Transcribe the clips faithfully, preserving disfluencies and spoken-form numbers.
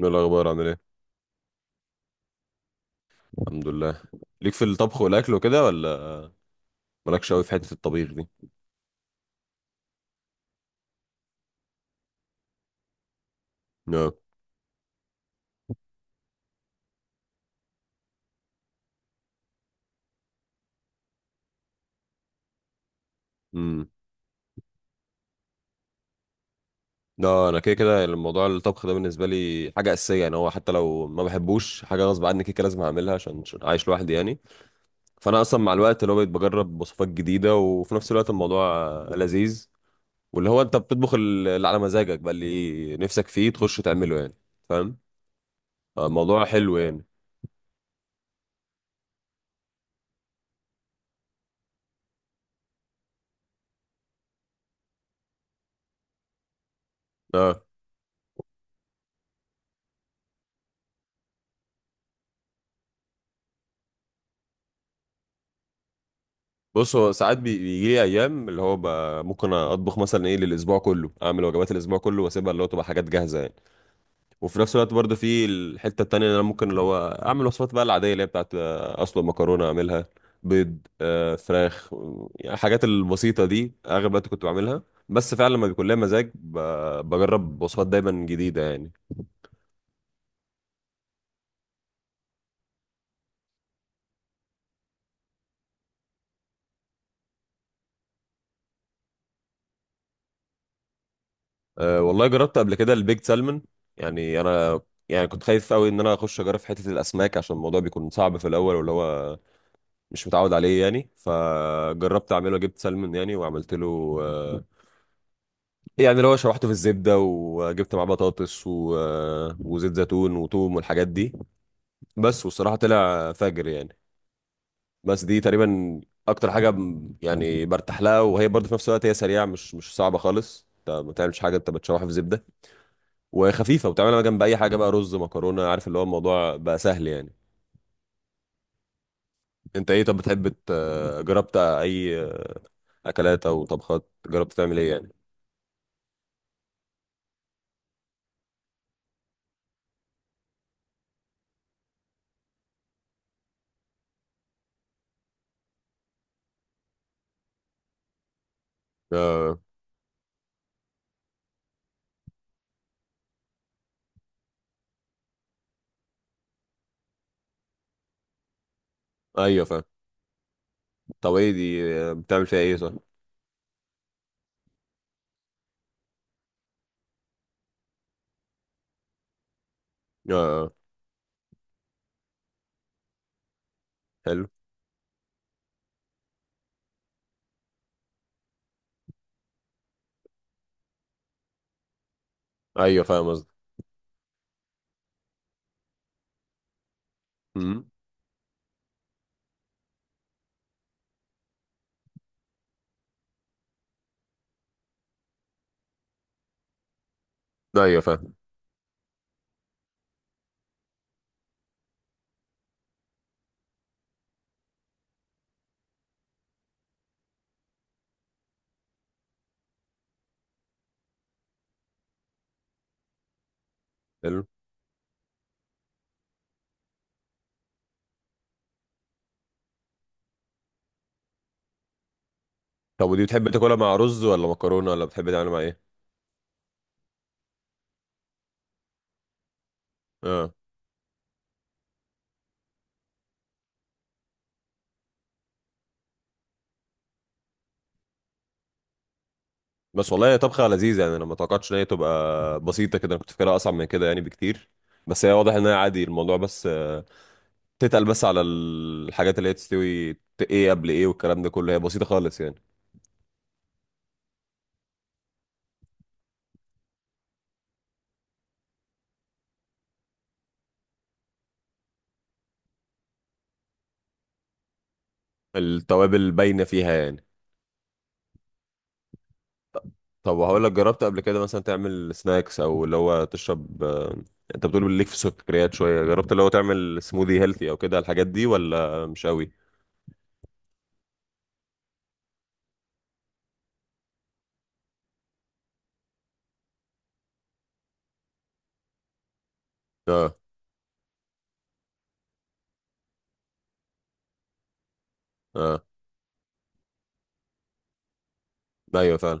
ايه الاخبار؟ عامل ايه؟ الحمد لله. ليك في الطبخ والاكل وكده ولا؟ مالكش قوي في حته الطبيخ دي؟ لا. امم لا، انا كده كده الموضوع الطبخ ده بالنسبه لي حاجه اساسيه، يعني هو حتى لو ما بحبوش حاجه غصب عني كده كده لازم اعملها عشان عشان عايش لوحدي يعني. فانا اصلا مع الوقت اللي هو بقيت بجرب وصفات جديده، وفي نفس الوقت الموضوع آه، لذيذ. واللي هو انت بتطبخ ال- اللي على مزاجك، بقى اللي نفسك فيه تخش تعمله يعني. فاهم؟ آه، الموضوع حلو يعني. اه، بص هو ساعات بي- بيجي لي ايام اللي هو ب- ممكن اطبخ مثلا ايه للاسبوع كله، اعمل وجبات الاسبوع كله واسيبها اللي هو تبقى حاجات جاهزه يعني. وفي نفس الوقت برضه في الحته التانيه اللي انا ممكن اللي هو اعمل وصفات بقى العاديه، اللي هي بتاعت آه، اسلق مكرونه اعملها، بيض، آه، فراخ، يعني الحاجات البسيطه دي اغلب الوقت كنت بعملها. بس فعلا لما بيكون ليا مزاج ب- بجرب وصفات دايما جديده يعني. أه والله، جربت قبل كده البيك سالمون. يعني انا يعني كنت خايف قوي ان انا اخش اجرب في حته الاسماك، عشان الموضوع بيكون صعب في الاول واللي هو مش متعود عليه يعني. فجربت اعمله، جبت سلمون يعني، وعملت له آه، يعني اللي هو شوحته في الزبده، وجبت معاه بطاطس و... آه، وزيت زيتون وتوم والحاجات دي. بس والصراحه طلع فاجر يعني. بس دي تقريبا اكتر حاجه م- يعني برتاح لها، وهي برضه في نفس الوقت هي سريعه، مش مش صعبه خالص، انت ما بتعملش حاجه، انت بتشوحها في زبده وخفيفه وبتعملها جنب اي حاجه بقى رز، مكرونه، عارف اللي هو الموضوع بقى سهل يعني. انت ايه؟ طب بتحب ت- جربت اي اكلات او طبخات، جربت تعمل ايه يعني؟ اه. ايوه، فاهم. طب ايه دي؟ بتعمل فيها ايه؟ صح. اه. حلو. ايوه فاهم قصدي. امم. ايوه فاهم. حلو. طب ودي بتحب تاكلها مع رز ولا مكرونه، ولا بتحب تعملها مع ايه؟ اه. بس والله هي طبخه لذيذه يعني، انا ما توقعتش ان هي تبقى بسيطه كده، انا كنت فاكرها اصعب من كده يعني بكتير. بس هي واضح ان هي عادي الموضوع، بس آه، تتقل بس على الحاجات اللي هي تستوي ت- ايه قبل ايه، والكلام ده كله هي بسيطه خالص يعني. التوابل باينه فيها يعني. طب، وهقول لك، جربت قبل كده مثلا تعمل سناكس، او اللي هو تشرب آه، انت بتقول ليك في السكريات شويه، جربت اللي هو تعمل سموذي هيلثي او كده الحاجات دي، ولا مش قوي؟ اه. اه. ايوه فعلا.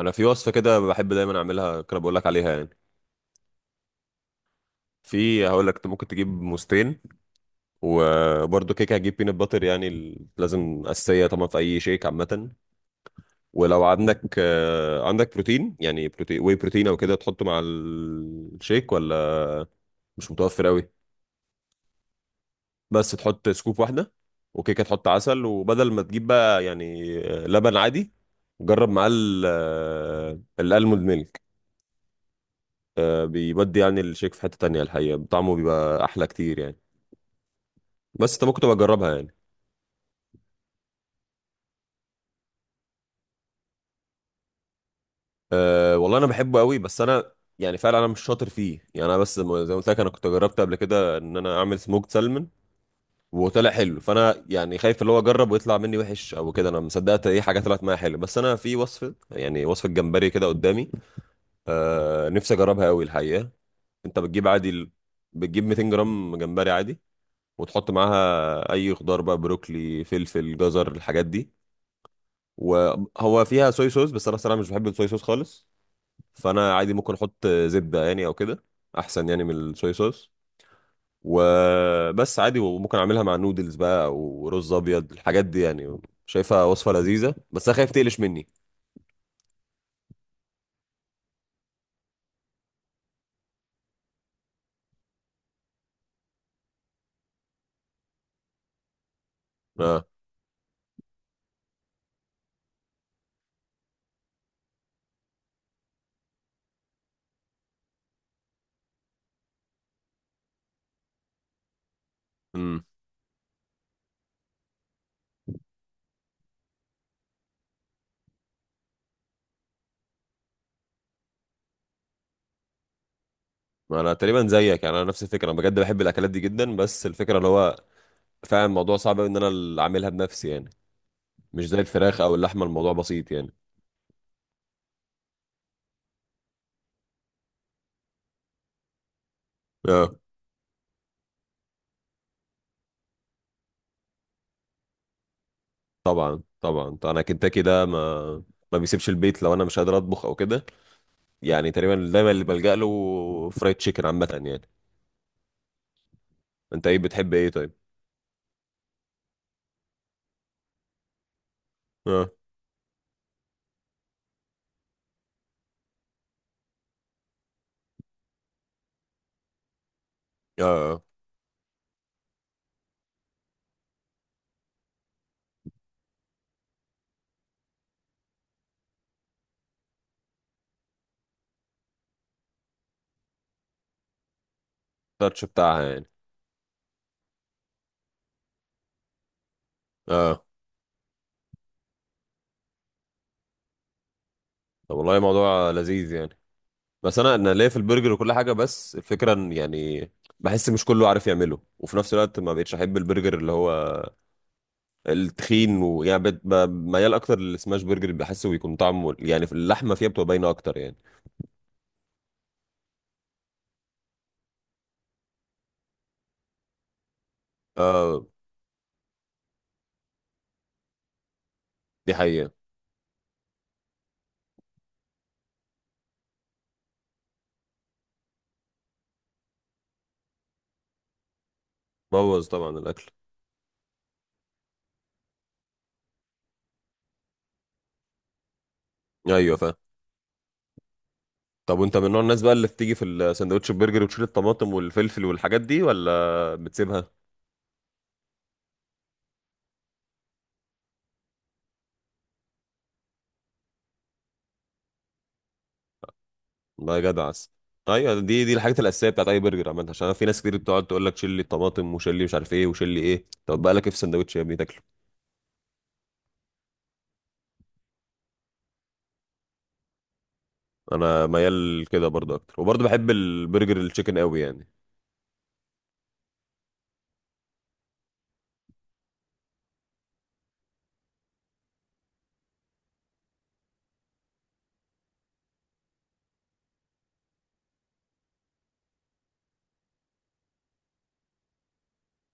انا في وصفه كده بحب دايما اعملها، كده بقول لك عليها يعني. في، هقول لك، انت ممكن تجيب موزتين، وبرده كيكه هتجيب بينات باتر، يعني ال- لازم اساسيه طبعا في اي شيك عامه. ولو عندك آه، عندك بروتين، يعني بروتين، واي بروتين او كده تحطه مع الشيك، ولا مش متوفر قوي؟ بس تحط سكوب واحده، وكيكه تحط عسل، وبدل ما تجيب بقى يعني آه، لبن عادي، جرب معاه ال- آه، الالموند ميلك. آه، بيودي يعني الشيك في حته تانية الحقيقه، طعمه بيبقى احلى كتير يعني. بس انت ممكن تبقى تجربها يعني. أه والله انا بحبه قوي، بس انا يعني فعلا انا مش شاطر فيه يعني، انا بس م- زي ما قلت لك، انا كنت جربت قبل كده ان انا اعمل سموكed سالمون، وطلع حلو، فانا يعني خايف اللي هو اجرب ويطلع مني وحش او كده، انا مصدقت ايه حاجه طلعت معايا حلو. بس انا في وصفه، يعني وصفه جمبري كده قدامي، آه نفسي اجربها قوي الحقيقه. انت بتجيب عادي ال- بتجيب ميتين جرام جمبري عادي، وتحط معاها اي خضار بقى، بروكلي، فلفل، جزر، الحاجات دي. وهو فيها صويا صوص، بس انا صراحه مش بحب الصويا صوص خالص، فانا عادي ممكن احط زبده يعني او كده، احسن يعني من الصويا صوص. وبس عادي، وممكن اعملها مع نودلز بقى او رز ابيض، الحاجات دي يعني. شايفها وصفه لذيذه، بس انا خايف تقلش مني. اه. امم. انا تقريبا زيك يعني، انا نفس الفكره، انا بجد بحب الاكلات دي جدا، بس الفكره اللي هو فعلا الموضوع صعب أوي ان انا اللي اعملها بنفسي يعني، مش زي الفراخ او اللحمه الموضوع بسيط يعني. اه. طبعا طبعا، انا كنتاكي ده ما ما بيسيبش البيت لو انا مش قادر اطبخ او كده، يعني تقريبا دايما اللي بلجأ له فرايد تشيكن عامه يعني. انت ايه؟ بتحب ايه طيب؟ اه. اه. اه. التاتش بتاعها يعني. اه. طب والله موضوع لذيذ يعني. بس انا انا ليا في البرجر وكل حاجه، بس الفكره ان يعني بحس مش كله عارف يعمله، وفي نفس الوقت ما بقتش احب البرجر اللي هو التخين، ويعني بت- ب- ميال اكتر للسماش برجر، اللي بحسه بيكون طعمه يعني في اللحمه فيها بتبقى باينه اكتر يعني. اه، دي حقيقه. بوظ طبعا الاكل. ايوه فاهم. طب وانت من نوع الناس بقى اللي بتيجي في الساندوتش البرجر وتشيل الطماطم والفلفل والحاجات دي، ولا بتسيبها؟ لا يا جدع، عسل. ايوه، دي دي الحاجات الاساسيه بتاعت اي برجر عامه، عشان أنا في ناس كتير بتقعد تقول لك شيل لي الطماطم، وشيل لي مش عارف ايه، وشيل لي ايه، طب بقى لك ايه في الساندوتش يا ابني تاكله؟ انا ميال كده برضه اكتر، وبرضه بحب البرجر التشيكن قوي يعني.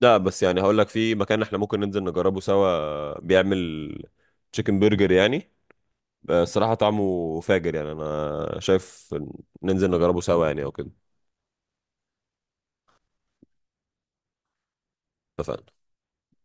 لا بس يعني هقول لك في مكان احنا ممكن ننزل نجربه سوا، بيعمل تشيكن برجر يعني، آه، الصراحة طعمه فاجر يعني، انا شايف ننزل نجربه سوا يعني او كده. اتفقنا.